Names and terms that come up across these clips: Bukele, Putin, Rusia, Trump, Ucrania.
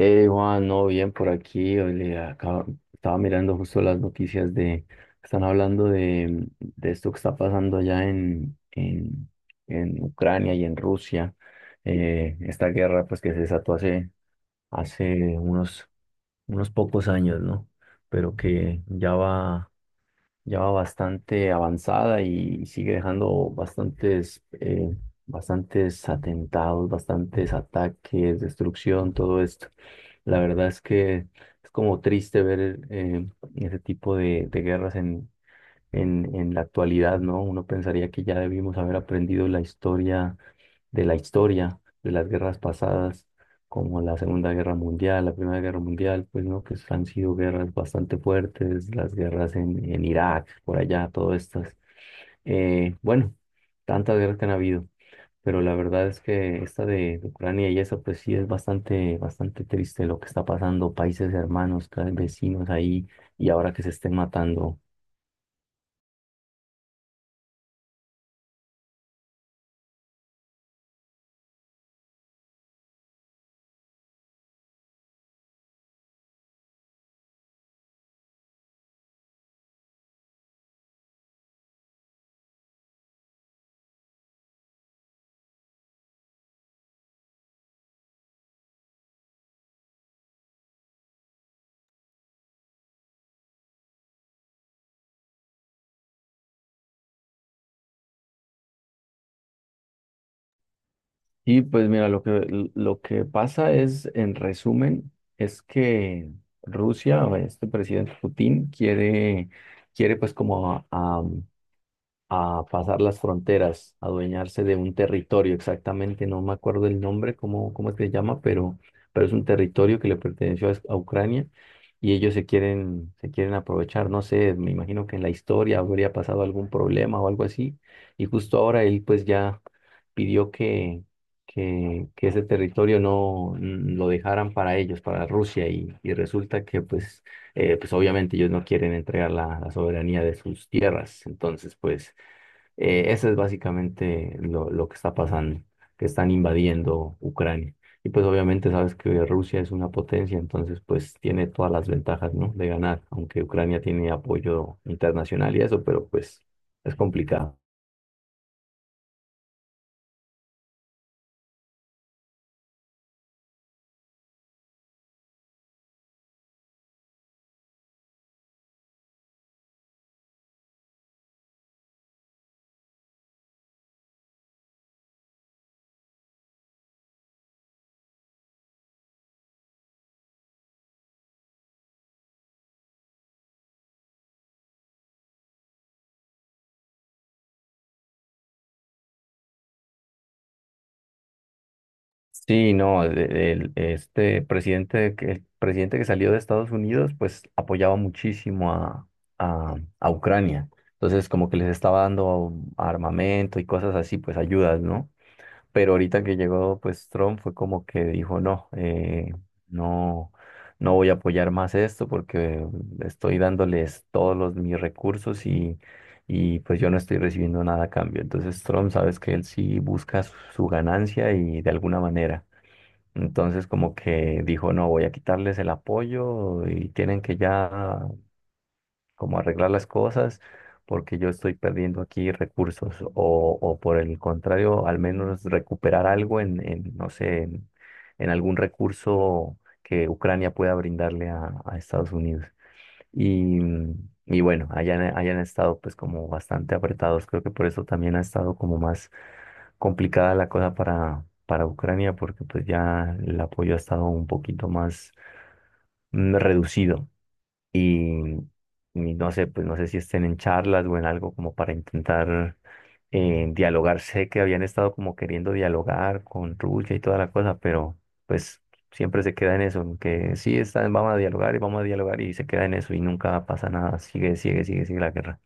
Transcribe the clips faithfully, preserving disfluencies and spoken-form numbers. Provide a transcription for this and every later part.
Eh, Juan, no, bien por aquí. Hoy le acabo- estaba mirando justo las noticias de, están hablando de, de esto que está pasando allá en, en, en Ucrania y en Rusia. Eh, esta guerra pues que se desató hace, hace unos, unos pocos años, ¿no? Pero que ya va ya va bastante avanzada y sigue dejando bastantes, eh, bastantes atentados, bastantes ataques, destrucción, todo esto. La verdad es que es como triste ver eh, ese tipo de, de guerras en, en la actualidad, ¿no? Uno pensaría que ya debimos haber aprendido la historia de la historia, de las guerras pasadas, como la Segunda Guerra Mundial, la Primera Guerra Mundial, pues, ¿no? Que han sido guerras bastante fuertes, las guerras en, en Irak, por allá, todas estas. Eh, bueno, tantas guerras que han habido, pero la verdad es que esta de, de Ucrania y esa, pues sí es bastante, bastante triste lo que está pasando, países hermanos, ca- vecinos ahí, y ahora que se estén matando. Y pues mira, lo que, lo que pasa es, en resumen, es que Rusia, o este presidente Putin, quiere, quiere pues como a- a pasar las fronteras, a adueñarse de un territorio, exactamente, no me acuerdo el nombre, cómo, cómo es que se llama, pero, pero es un territorio que le perteneció a, a Ucrania y ellos se quieren, se quieren aprovechar, no sé, me imagino que en la historia habría pasado algún problema o algo así, y justo ahora él pues ya pidió que, que, que ese territorio no mm, lo dejaran para ellos, para Rusia, y, y resulta que pues, eh, pues obviamente ellos no quieren entregar la, la soberanía de sus tierras, entonces pues eh, eso es básicamente lo, lo que está pasando, que están invadiendo Ucrania. Y pues obviamente sabes que Rusia es una potencia, entonces pues tiene todas las ventajas, ¿no? De ganar, aunque Ucrania tiene apoyo internacional y eso, pero pues es complicado. Sí, no, el, el- este presidente, que- el presidente que salió de Estados Unidos pues apoyaba muchísimo a, a, a Ucrania. Entonces como que les estaba dando armamento y cosas así, pues ayudas, ¿no? Pero ahorita que llegó pues Trump fue como que dijo, no, eh, no, no voy a apoyar más esto porque estoy dándoles todos los, mis recursos y, y pues yo no estoy recibiendo nada a cambio. Entonces Trump, sabes que él sí busca su, su ganancia y de alguna manera. Entonces como que dijo, no, voy a quitarles el apoyo y tienen que ya como arreglar las cosas, porque yo estoy perdiendo aquí recursos, o, o por el contrario, al menos recuperar algo en, en, no sé, en, en algún recurso que Ucrania pueda brindarle a, a Estados Unidos. Y, y bueno, hayan, hayan estado pues como bastante apretados, creo que por eso también ha estado como más complicada la cosa para... para Ucrania porque pues ya el apoyo ha estado un poquito más mm, reducido y, y no sé, pues no sé si estén en charlas o en algo como para intentar eh, dialogar. Sé que habían estado como queriendo dialogar con Rulla y toda la cosa, pero pues siempre se queda en eso, en que sí, están, vamos a dialogar y vamos a dialogar y se queda en eso y nunca pasa nada. Sigue, sigue, sigue, sigue la guerra.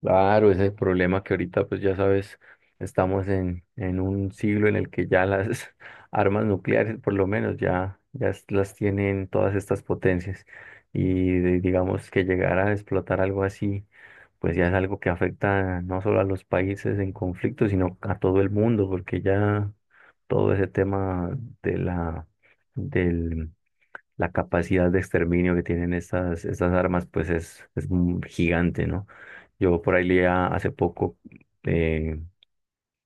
Claro, ese es el problema que ahorita, pues ya sabes, estamos en, en un siglo en el que ya las armas nucleares, por lo menos, ya, ya es- las tienen todas estas potencias. Y de- digamos que llegar a explotar algo así, pues ya es algo que afecta no solo a los países en conflicto, sino a todo el mundo, porque ya todo ese tema de la, la capacidad de exterminio que tienen estas, estas armas, pues es, es un gigante, ¿no? Yo por ahí leía hace poco eh,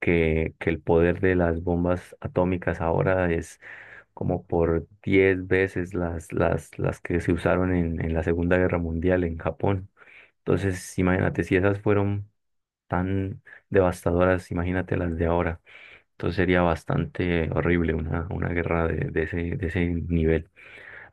que, que el poder de las bombas atómicas ahora es como por diez veces las, las, las que se usaron en, en la Segunda Guerra Mundial en Japón. Entonces, imagínate, si esas fueron tan devastadoras, imagínate las de ahora. Entonces sería bastante horrible una, una guerra de, de ese, de ese nivel.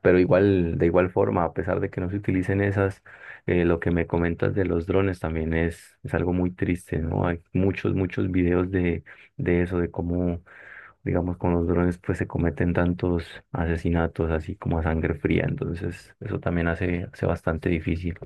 Pero igual, de igual forma, a pesar de que no se utilicen esas, eh, lo que me comentas de los drones también es, es algo muy triste, ¿no? Hay muchos, muchos videos de, de eso, de cómo, digamos, con los drones pues se cometen tantos asesinatos así como a sangre fría. Entonces, eso también hace, hace bastante difícil.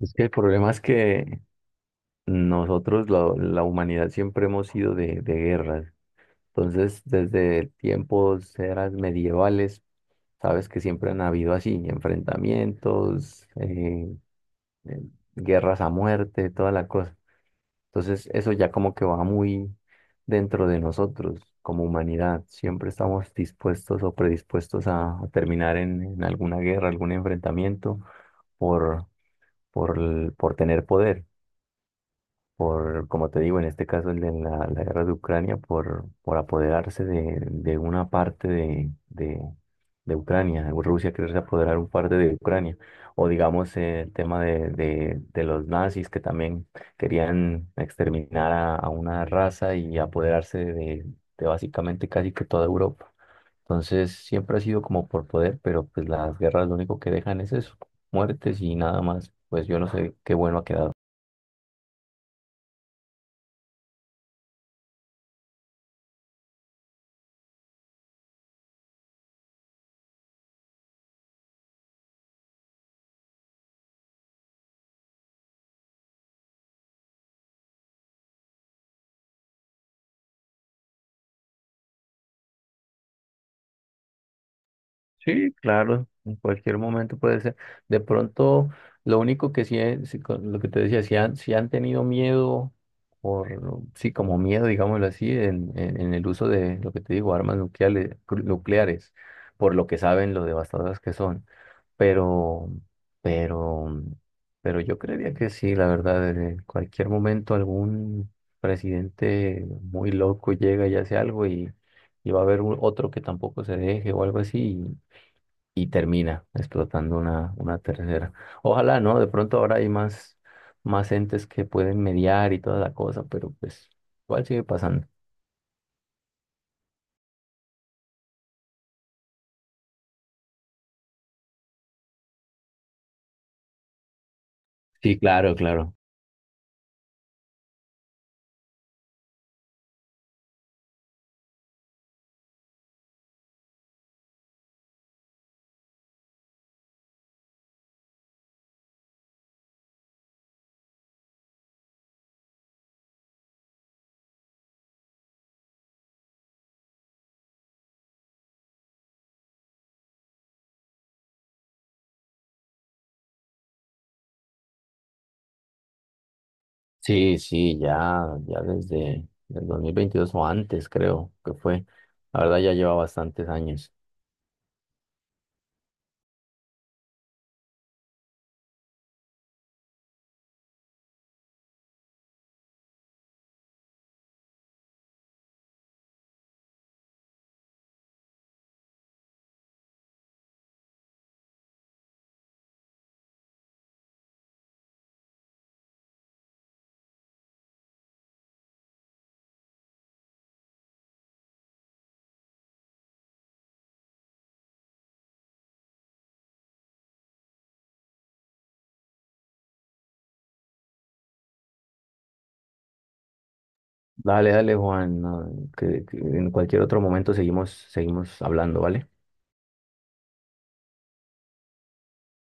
Es que el problema es que nosotros, la, la humanidad, siempre hemos sido de, de guerras. Entonces, desde tiempos, eras medievales, sabes que siempre han habido así, enfrentamientos, eh, eh, guerras a muerte, toda la cosa. Entonces, eso ya como que va muy dentro de nosotros como humanidad. Siempre estamos dispuestos o predispuestos a, a terminar en, en alguna guerra, algún enfrentamiento por, por, el- por tener poder por, como te digo, en este caso el de la, la guerra de Ucrania, por, por apoderarse de, de una parte de, de, de Ucrania, Rusia quererse apoderar un parte de Ucrania, o digamos eh, el tema de, de, de los nazis que también querían exterminar a, a una raza y apoderarse de, de básicamente casi que toda Europa. Entonces siempre ha sido como por poder, pero pues las guerras lo único que dejan es eso, muertes y nada más. Pues yo no sé qué bueno ha quedado. Sí, claro, en cualquier momento puede ser. De pronto, lo único que sí, es, sí, con lo que te decía, si han, si han tenido miedo, por, sí, como miedo, digámoslo así, en, en, en el uso de, lo que te digo, armas nucleares, cru- nucleares, por lo que saben lo devastadoras que son. Pero, pero, pero yo creería que sí, la verdad, en cualquier momento algún presidente muy loco llega y hace algo y y va a haber un otro que tampoco se deje o algo así y termina explotando una, una tercera. Ojalá, ¿no? De pronto ahora hay más, más entes que pueden mediar y toda la cosa, pero pues igual sigue pasando. Sí, claro, claro. Sí, sí, ya, ya desde el dos mil veintidós o antes, creo que fue. La verdad ya lleva bastantes años. Dale, dale, Juan, no, que, que en cualquier otro momento seguimos, seguimos hablando, ¿vale?